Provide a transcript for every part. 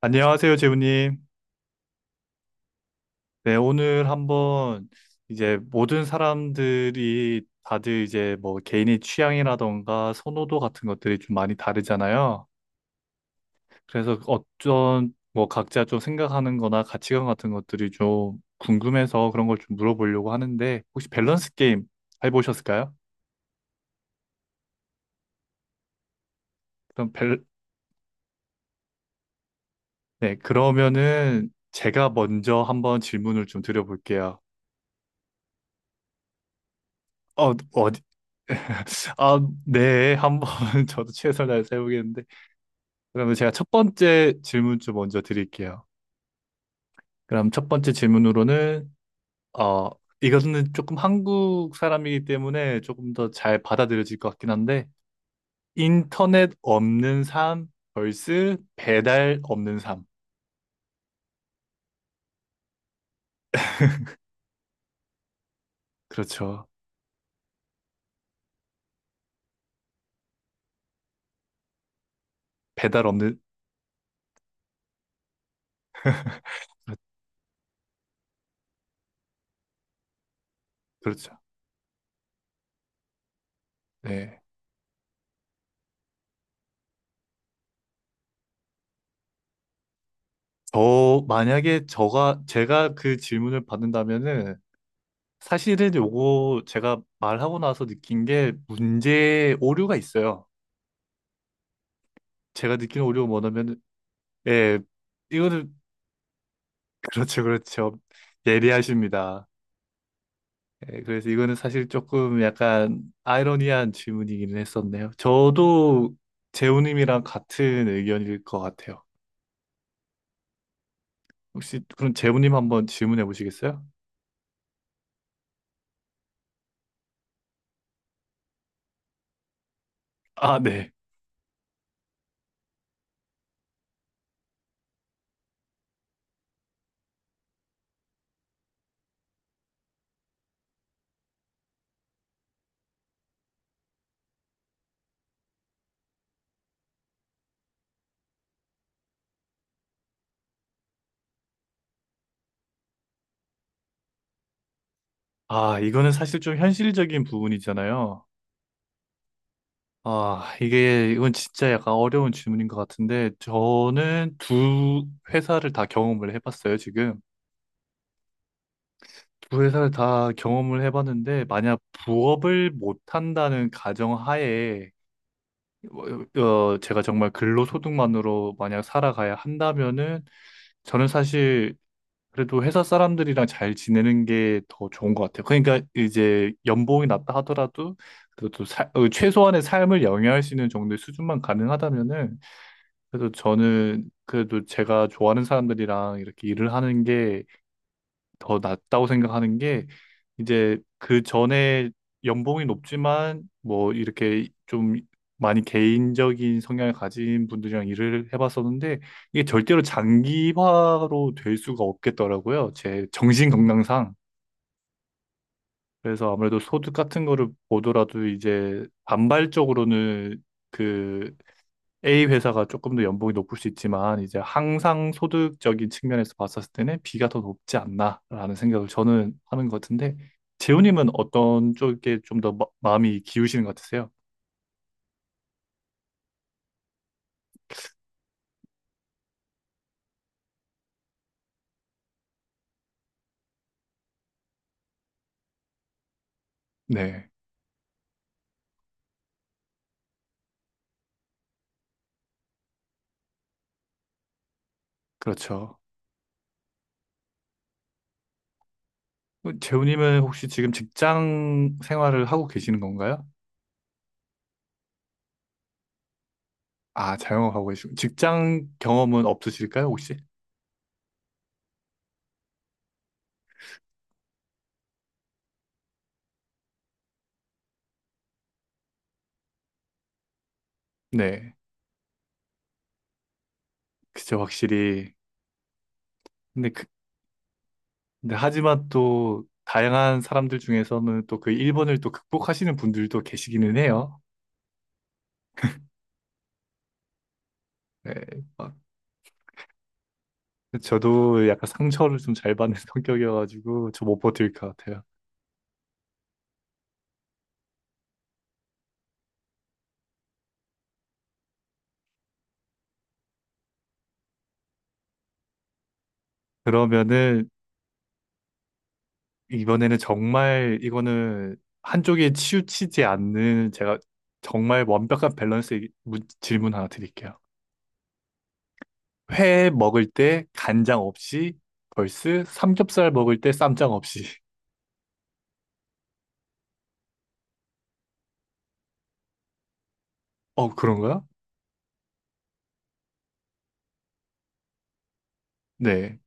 안녕하세요, 재우님. 네, 오늘 한번 이제 모든 사람들이 다들 이제 뭐 개인의 취향이라던가 선호도 같은 것들이 좀 많이 다르잖아요. 그래서 어떤 뭐 각자 좀 생각하는 거나 가치관 같은 것들이 좀 궁금해서 그런 걸 좀 물어보려고 하는데 혹시 밸런스 게임 해보셨을까요? 그럼 밸, 네, 그러면은 제가 먼저 한번 질문을 좀 드려볼게요. 어, 어디? 아, 네, 한번 저도 최선을 다해서 해보겠는데. 그러면 제가 첫 번째 질문 좀 먼저 드릴게요. 그럼 첫 번째 질문으로는, 어, 이거는 조금 한국 사람이기 때문에 조금 더 잘 받아들여질 것 같긴 한데, 인터넷 없는 삶 vs 배달 없는 삶. 그렇죠. 배달 없는, 그렇죠. 네. 저, 만약에 저가, 제가 그 질문을 받는다면은, 사실은 요거 제가 말하고 나서 느낀 게 문제의 오류가 있어요. 제가 느낀 오류가 뭐냐면, 예, 이거는, 그렇죠, 그렇죠. 예리하십니다. 예, 그래서 이거는 사실 조금 약간 아이러니한 질문이기는 했었네요. 저도 재우님이랑 같은 의견일 것 같아요. 혹시 그럼 재우님 한번 질문해 보시겠어요? 아, 네. 아, 이거는 사실 좀 현실적인 부분이잖아요. 아, 이게, 이건 진짜 약간 어려운 질문인 것 같은데, 저는 두 회사를 다 경험을 해봤어요, 지금. 두 회사를 다 경험을 해봤는데, 만약 부업을 못한다는 가정하에, 제가 정말 근로소득만으로 만약 살아가야 한다면은, 저는 사실 그래도 회사 사람들이랑 잘 지내는 게 더 좋은 것 같아요. 그러니까 이제 연봉이 낮다 하더라도, 그래도 최소한의 삶을 영위할 수 있는 정도의 수준만 가능하다면은, 그래도 저는 그래도 제가 좋아하는 사람들이랑 이렇게 일을 하는 게 더 낫다고 생각하는 게 이제 그 전에 연봉이 높지만 뭐 이렇게 좀 많이 개인적인 성향을 가진 분들이랑 일을 해봤었는데 이게 절대로 장기화로 될 수가 없겠더라고요. 제 정신 건강상. 그래서 아무래도 소득 같은 거를 보더라도 이제 반발적으로는 그 A 회사가 조금 더 연봉이 높을 수 있지만 이제 항상 소득적인 측면에서 봤었을 때는 B가 더 높지 않나라는 생각을 저는 하는 것 같은데 재훈님은 어떤 쪽에 좀 더 마음이 기우시는 것 같으세요? 네, 그렇죠. 어, 재훈님은 혹시 지금 직장 생활을 하고 계시는 건가요? 아, 자영업하고 계시고 직장 경험은 없으실까요, 혹시? 네, 그죠, 확실히. 근데 그, 근데 하지만 또 다양한 사람들 중에서는 또 그 1번을 또 극복하시는 분들도 계시기는 해요. 네, 막 저도 약간 상처를 좀 잘 받는 성격이어가지고 저 못 버틸 것 같아요. 그러면은 이번에는 정말 이거는 한쪽에 치우치지 않는 제가 정말 완벽한 밸런스의 문- 질문 하나 드릴게요. 회 먹을 때 간장 없이 벌스 삼겹살 먹을 때 쌈장 없이. 어, 그런가요? 네.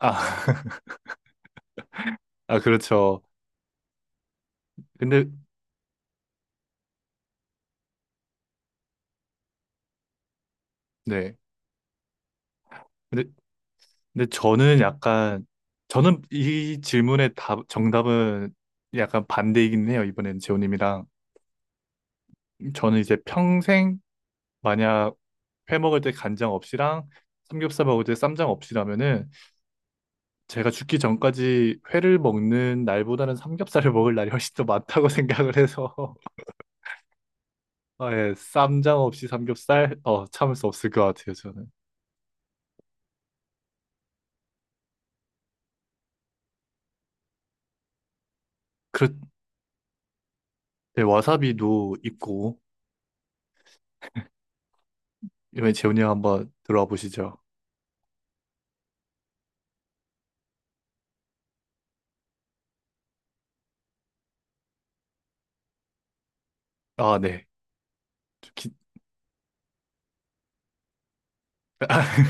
아, 아 그렇죠. 근데 네. 근데 근데 저는 약간 저는 이 질문의 답 정답은 약간 반대이긴 해요. 이번엔 재호님이랑 저는 이제 평생 만약 회 먹을 때 간장 없이랑 삼겹살 먹을 때 쌈장 없이라면은 제가 죽기 전까지 회를 먹는 날보다는 삼겹살을 먹을 날이 훨씬 더 많다고 생각을 해서 아, 예, 쌈장 없이 삼겹살 참을 수 없을 것 같아요. 저는 그렇 네, 와사비도 있고 이번에 재이님 한번 들어와 보시죠. 아 네. 좀 기...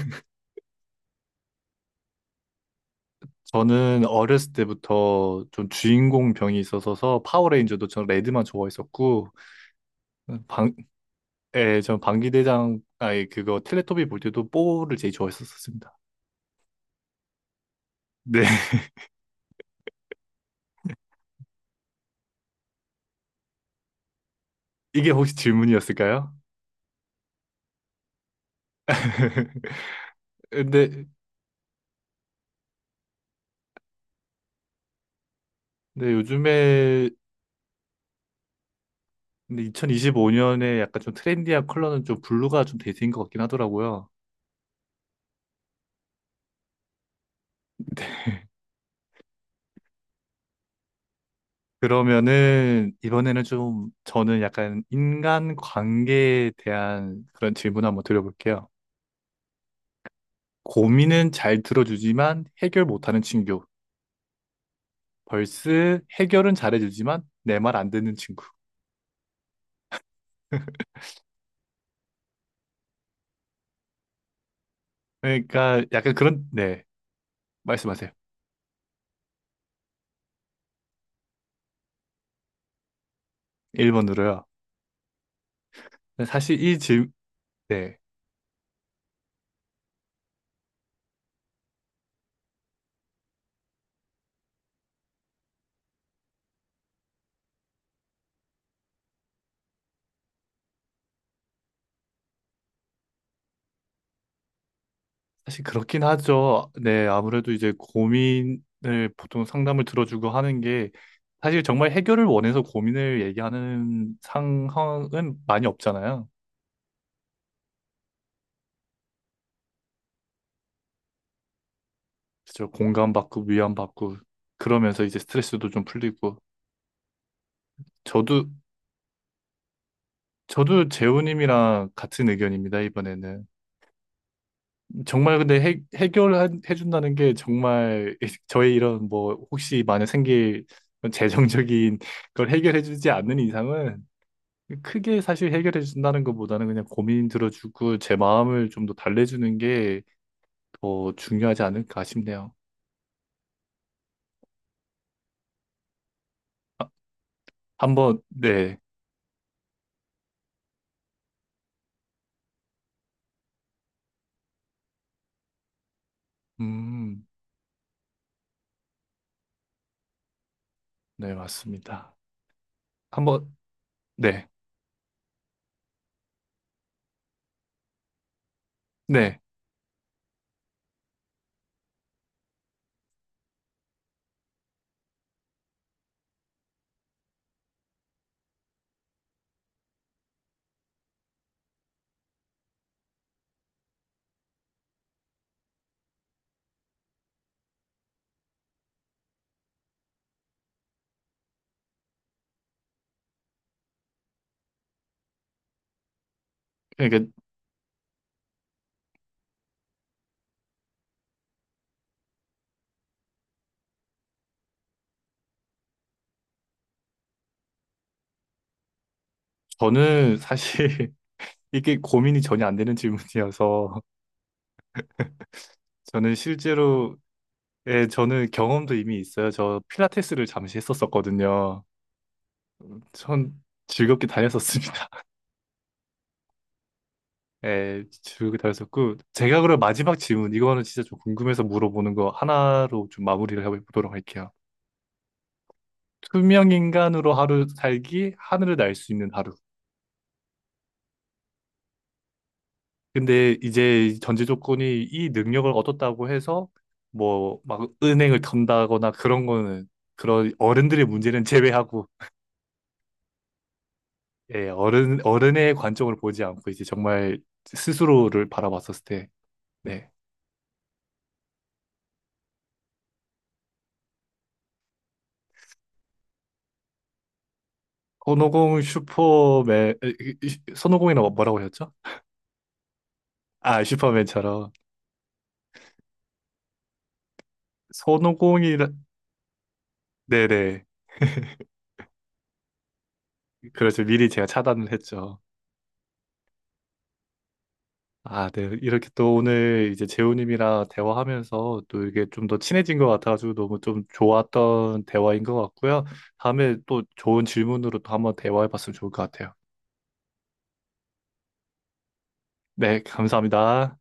저는 어렸을 때부터 좀 주인공 병이 있어서 파워레인저도 전 레드만 좋아했었고 방, 예, 전 방귀대장 아니 그거 텔레토비 볼 때도 뽀를 제일 좋아했었습니다. 네, 이게 혹시 질문이었을까요? 근데 요즘에 2025년에 약간 좀 트렌디한 컬러는 좀 블루가 좀 대세인 것 같긴 하더라고요. 그러면은 이번에는 좀 저는 약간 인간 관계에 대한 그런 질문 한번 드려볼게요. 고민은 잘 들어주지만 해결 못하는 친구. 벌스 해결은 잘해주지만 내 말 안 듣는 친구. 그러니까 약간 그런, 네, 말씀하세요. 1번으로요. 사실 이 질, 네, 사실 그렇긴 하죠. 네, 아무래도 이제 고민을 보통 상담을 들어주고 하는 게 사실 정말 해결을 원해서 고민을 얘기하는 상황은 많이 없잖아요. 그죠. 공감받고 위안받고 그러면서 이제 스트레스도 좀 풀리고 저도 저도 재호님이랑 같은 의견입니다, 이번에는. 정말 근데 해, 해결해준다는 게 정말 저의 이런 뭐 혹시 만약 생길 재정적인 걸 해결해주지 않는 이상은 크게 사실 해결해준다는 것보다는 그냥 고민 들어주고 제 마음을 좀 더 달래주는 게 더 중요하지 않을까 싶네요. 한번, 네. 음, 네, 맞습니다. 한번, 네. 네. 그러니까 저는 사실 이게 고민이 전혀 안 되는 질문이어서 저는 실제로 예, 저는 경험도 이미 있어요. 저 필라테스를 잠시 했었었거든요. 전 즐겁게 다녔었습니다. 예, 즐겁게 다녔었고 제가 그럼 마지막 질문 이거는 진짜 좀 궁금해서 물어보는 거 하나로 좀 마무리를 해보도록 할게요. 투명 인간으로 하루 살기, 하늘을 날 수 있는 하루. 근데 이제 전제 조건이 이 능력을 얻었다고 해서 뭐 막 은행을 턴다거나 그런 거는 그런 어른들의 문제는 제외하고 예, 어른, 어른의 관점을 보지 않고 이제 정말 스스로를 바라봤었을 때, 네. 손오공 슈퍼맨, 에, 이- 이- 손오공이라고 뭐라고 하셨죠? 아, 슈퍼맨처럼. 손오공이라, 네네. 그렇죠. 미리 제가 차단을 했죠. 아, 네. 이렇게 또 오늘 이제 재우님이랑 대화하면서 또 이게 좀 더 친해진 것 같아가지고 너무 좀 좋았던 대화인 것 같고요. 다음에 또 좋은 질문으로 또 한번 대화해봤으면 좋을 것 같아요. 네, 감사합니다.